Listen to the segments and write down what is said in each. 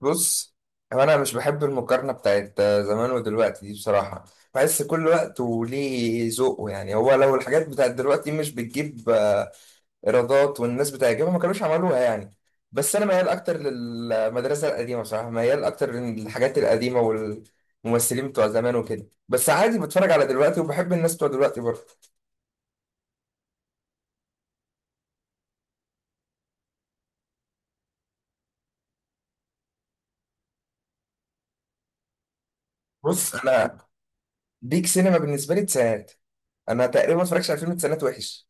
بص، هو انا مش بحب المقارنه بتاعت زمان ودلوقتي دي بصراحه. بحس كل وقت وليه ذوقه، يعني هو لو الحاجات بتاعت دلوقتي مش بتجيب ايرادات والناس بتعجبها ما كانوش عملوها يعني. بس انا ميال اكتر للمدرسه القديمه بصراحه، ميال اكتر للحاجات القديمه والممثلين بتوع زمان وكده، بس عادي بتفرج على دلوقتي وبحب الناس بتوع دلوقتي برضه. بص انا، بيك سينما بالنسبه لي تسعينات. انا تقريبا ما اتفرجش على فيلم تسعينات وحش.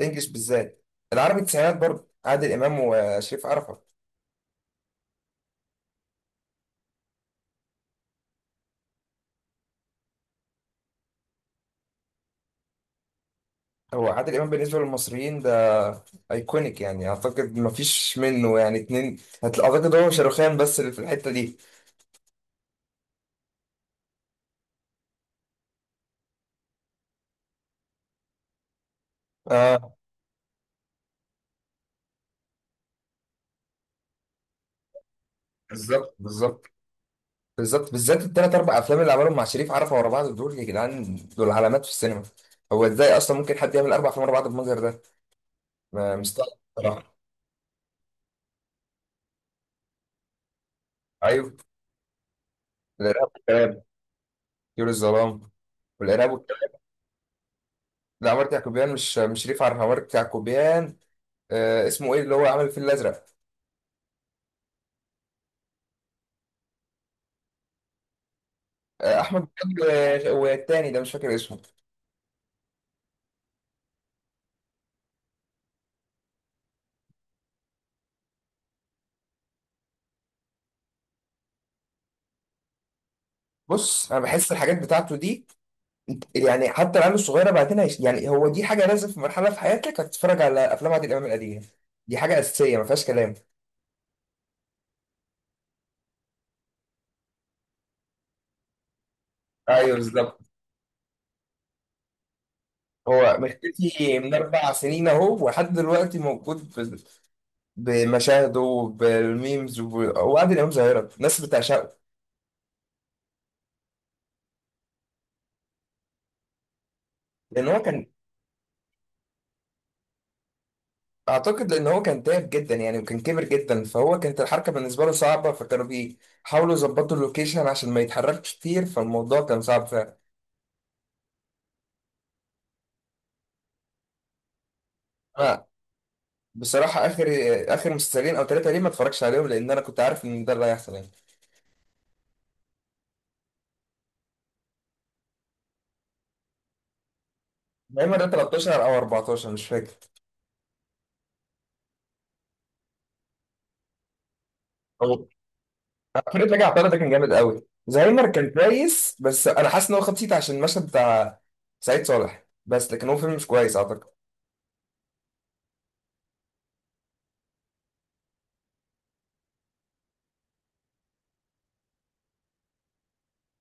انجلش بالذات. العربي التسعينات برضه عادل امام وشريف عرفة. هو عادل امام بالنسبه للمصريين ده ايكونيك، يعني اعتقد ما فيش منه يعني اتنين. اعتقد هو شاروخان بس اللي في الحته دي. اه، بالظبط بالظبط بالظبط، بالذات الثلاث اربع افلام اللي عملهم مع شريف عرفة ورا بعض، دول يا جدعان دول علامات في السينما. هو ازاي اصلا ممكن حد يعمل اربع افلام ورا بعض بالمنظر ده؟ مستغرب بصراحه. ايوه، الارهاب والكباب، طيور الظلام، والارهاب والكباب. لا، عمارة يعقوبيان مش شريف عرفة، عمارة يعقوبيان. آه، اسمه ايه اللي هو عمل الفيل الازرق؟ آه، احمد مكي. والتاني ده مش فاكر اسمه. بص انا بحس الحاجات بتاعته دي، يعني حتى العيال الصغيره بعدين يعني هو دي حاجه لازم، في مرحله في حياتك هتتفرج على افلام عادل امام القديمه. دي حاجه اساسيه ما فيهاش كلام. ايوه بالظبط. هو مختفي من 4 سنين اهو، ولحد دلوقتي موجود بمشاهده وبالميمز وب- وعادل امام ظاهره، الناس بتعشقه. لان هو كان، اعتقد لان هو كان تعب جدا يعني، وكان كبر جدا، فهو كانت الحركه بالنسبه له صعبه، فكانوا بيحاولوا يظبطوا اللوكيشن عشان ما يتحركش كتير، فالموضوع كان صعب فعلا. انا بصراحه، اخر مسلسلين او ثلاثه ليه ما اتفرجش عليهم، لان انا كنت عارف ان ده اللي هيحصل يعني. زهايمر ده 13 او 14 مش فاكر. او فريد رجع عطله ده كان جامد قوي. زهايمر كان كويس، بس انا حاسس ان هو خد سيت عشان المشهد بتاع سعيد صالح، بس لكن هو فيلم مش كويس اعتقد.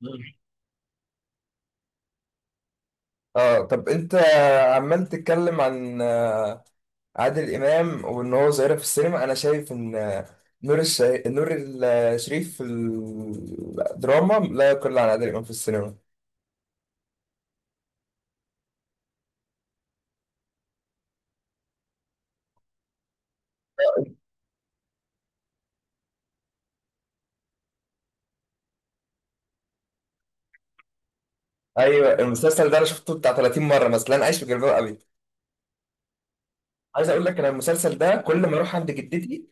مم. اه، طب انت عمال تتكلم عن عادل امام وان هو ظاهره في السينما، انا شايف ان نور الشريف في الدراما لا يقل عن عادل امام في السينما. ايوه، المسلسل ده انا شفته بتاع 30 مره مثلا، انا عايش في جلباب ابي. عايز اقول لك، انا المسلسل ده كل ما اروح عند جدتي،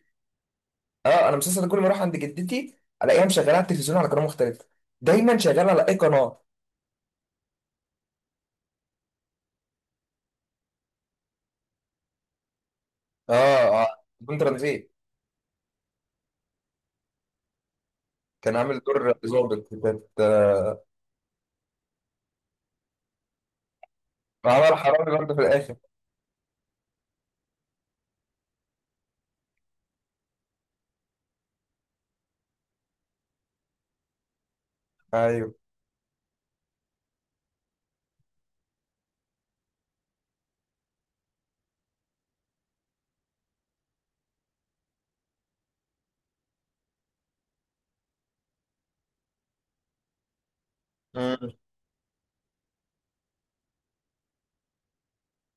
اه، انا المسلسل ده كل ما اروح عند جدتي الاقيها مشغله على التلفزيون على قناه مختلفه، دايما شغاله على اي قناه. اه اه، كنت رمزي. كان عامل دور ظابط كانت عمل حرامي برضه في الاخر. ايوه،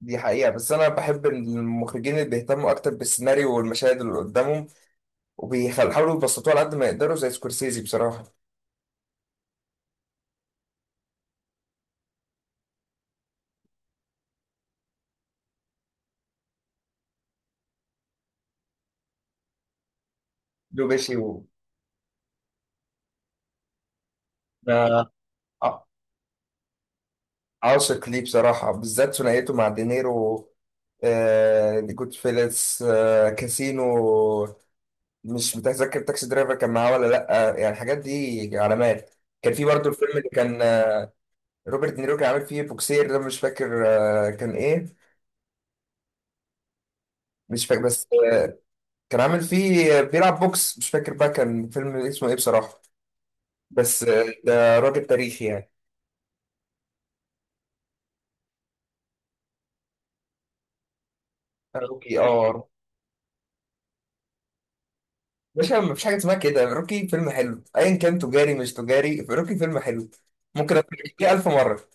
دي حقيقة، بس أنا بحب المخرجين اللي بيهتموا أكتر بالسيناريو والمشاهد اللي قدامهم، وبيحاولوا يبسطوها على قد ما يقدروا زي سكورسيزي بصراحة. لوبيشي ده ع- عاشق ليه بصراحة، بالذات ثنائيته مع دينيرو. جود فيلس، كاسينو. مش متذكر، تاكسي درايفر كان معاه ولا لأ؟ يعني الحاجات دي علامات. كان في برضه الفيلم اللي كان روبرت دينيرو كان عامل فيه بوكسير، ده مش فاكر كان إيه، مش فاكر بس. كان عامل فيه بيلعب بوكس، مش فاكر بقى كان فيلم اسمه ايه بصراحة. بس ده راجل تاريخي يعني. روكي، اه، مش مفيش حاجة اسمها كده، روكي فيلم حلو ايا كان، تجاري مش تجاري روكي فيلم حلو، ممكن اتفرج ألف مرة.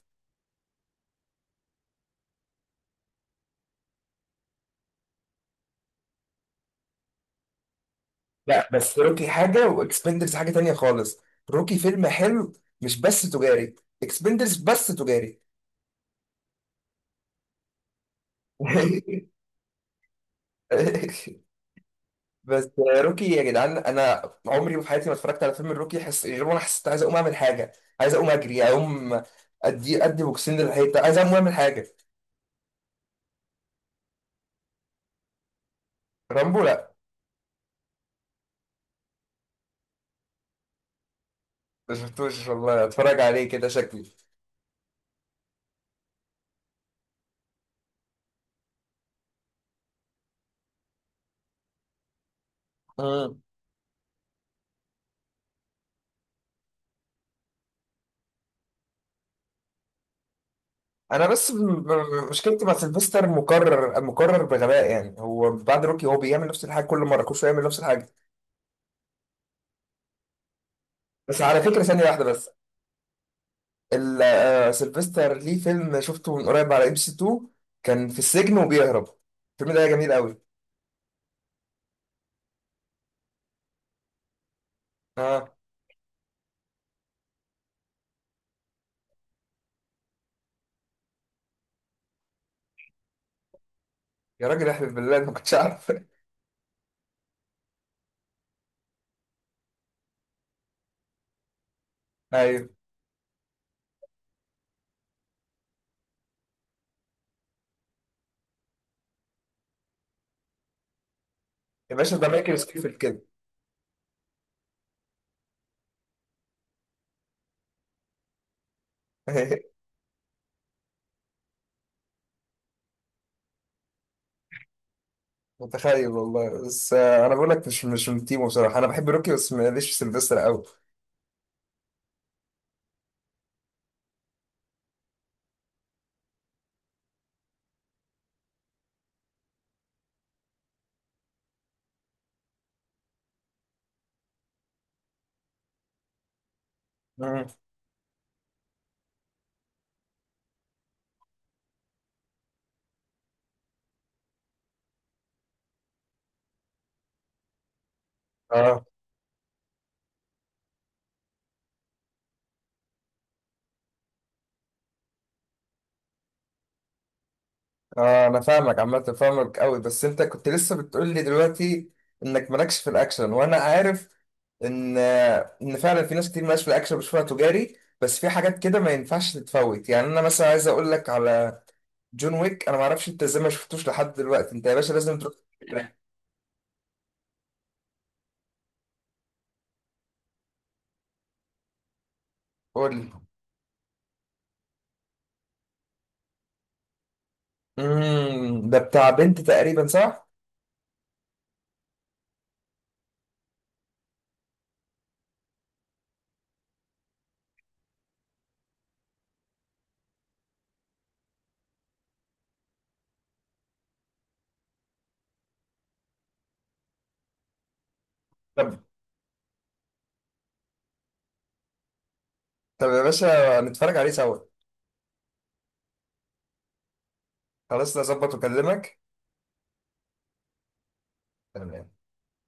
لا، بس روكي حاجة واكسبندرز حاجة تانية خالص. روكي فيلم حلو مش بس تجاري، اكسبندرز بس تجاري. بس روكي يا جدعان، انا عمري في حياتي ما اتفرجت على فيلم الروكي غير وانا حسيت عايز اقوم اعمل حاجه، عايز اقوم اجري، اقوم ادي ادي بوكسين للحيطه، عايز اقوم اعمل حاجه. رامبو، لا، ما شفتوش والله، اتفرج عليه كده شكلي. مم. انا بس مشكلتي مع سيلفستر، مكرر مكرر بغباء يعني، هو بعد روكي هو بيعمل نفس الحاجه كل مره، كل شويه يعمل نفس الحاجه. بس على فكره ثانيه واحده بس، سيلفستر ليه فيلم شفته من قريب على ام سي 2، كان في السجن وبيهرب، الفيلم ده جميل قوي. يا راجل احلف بالله، انا ما كنتش عارف. ايوه، يا باشا ده مايكل سكيفيلد كده. متخيل والله، بس انا بقول لك مش من تيمو بصراحه، انا بحب روكي بس ماليش في سيلفستر قوي. مم. اه اه، انا فاهمك عامه، فاهمك قوي، بس انت كنت لسه بتقول لي دلوقتي انك مالكش في الاكشن، وانا عارف ان ان فعلا في ناس كتير مالهاش في الاكشن، بشوفها تجاري. بس في حاجات كده ما ينفعش تتفوت، يعني انا مثلا عايز اقول لك على جون ويك، انا ما اعرفش انت ازاي ما شفتوش لحد دلوقتي، انت يا باشا لازم تروح. قول لي. ده بتاع بنت تقريبا، صح؟ طب، طب يا باشا، نتفرج عليه سوا. خلاص نظبط واكلمك. تمام.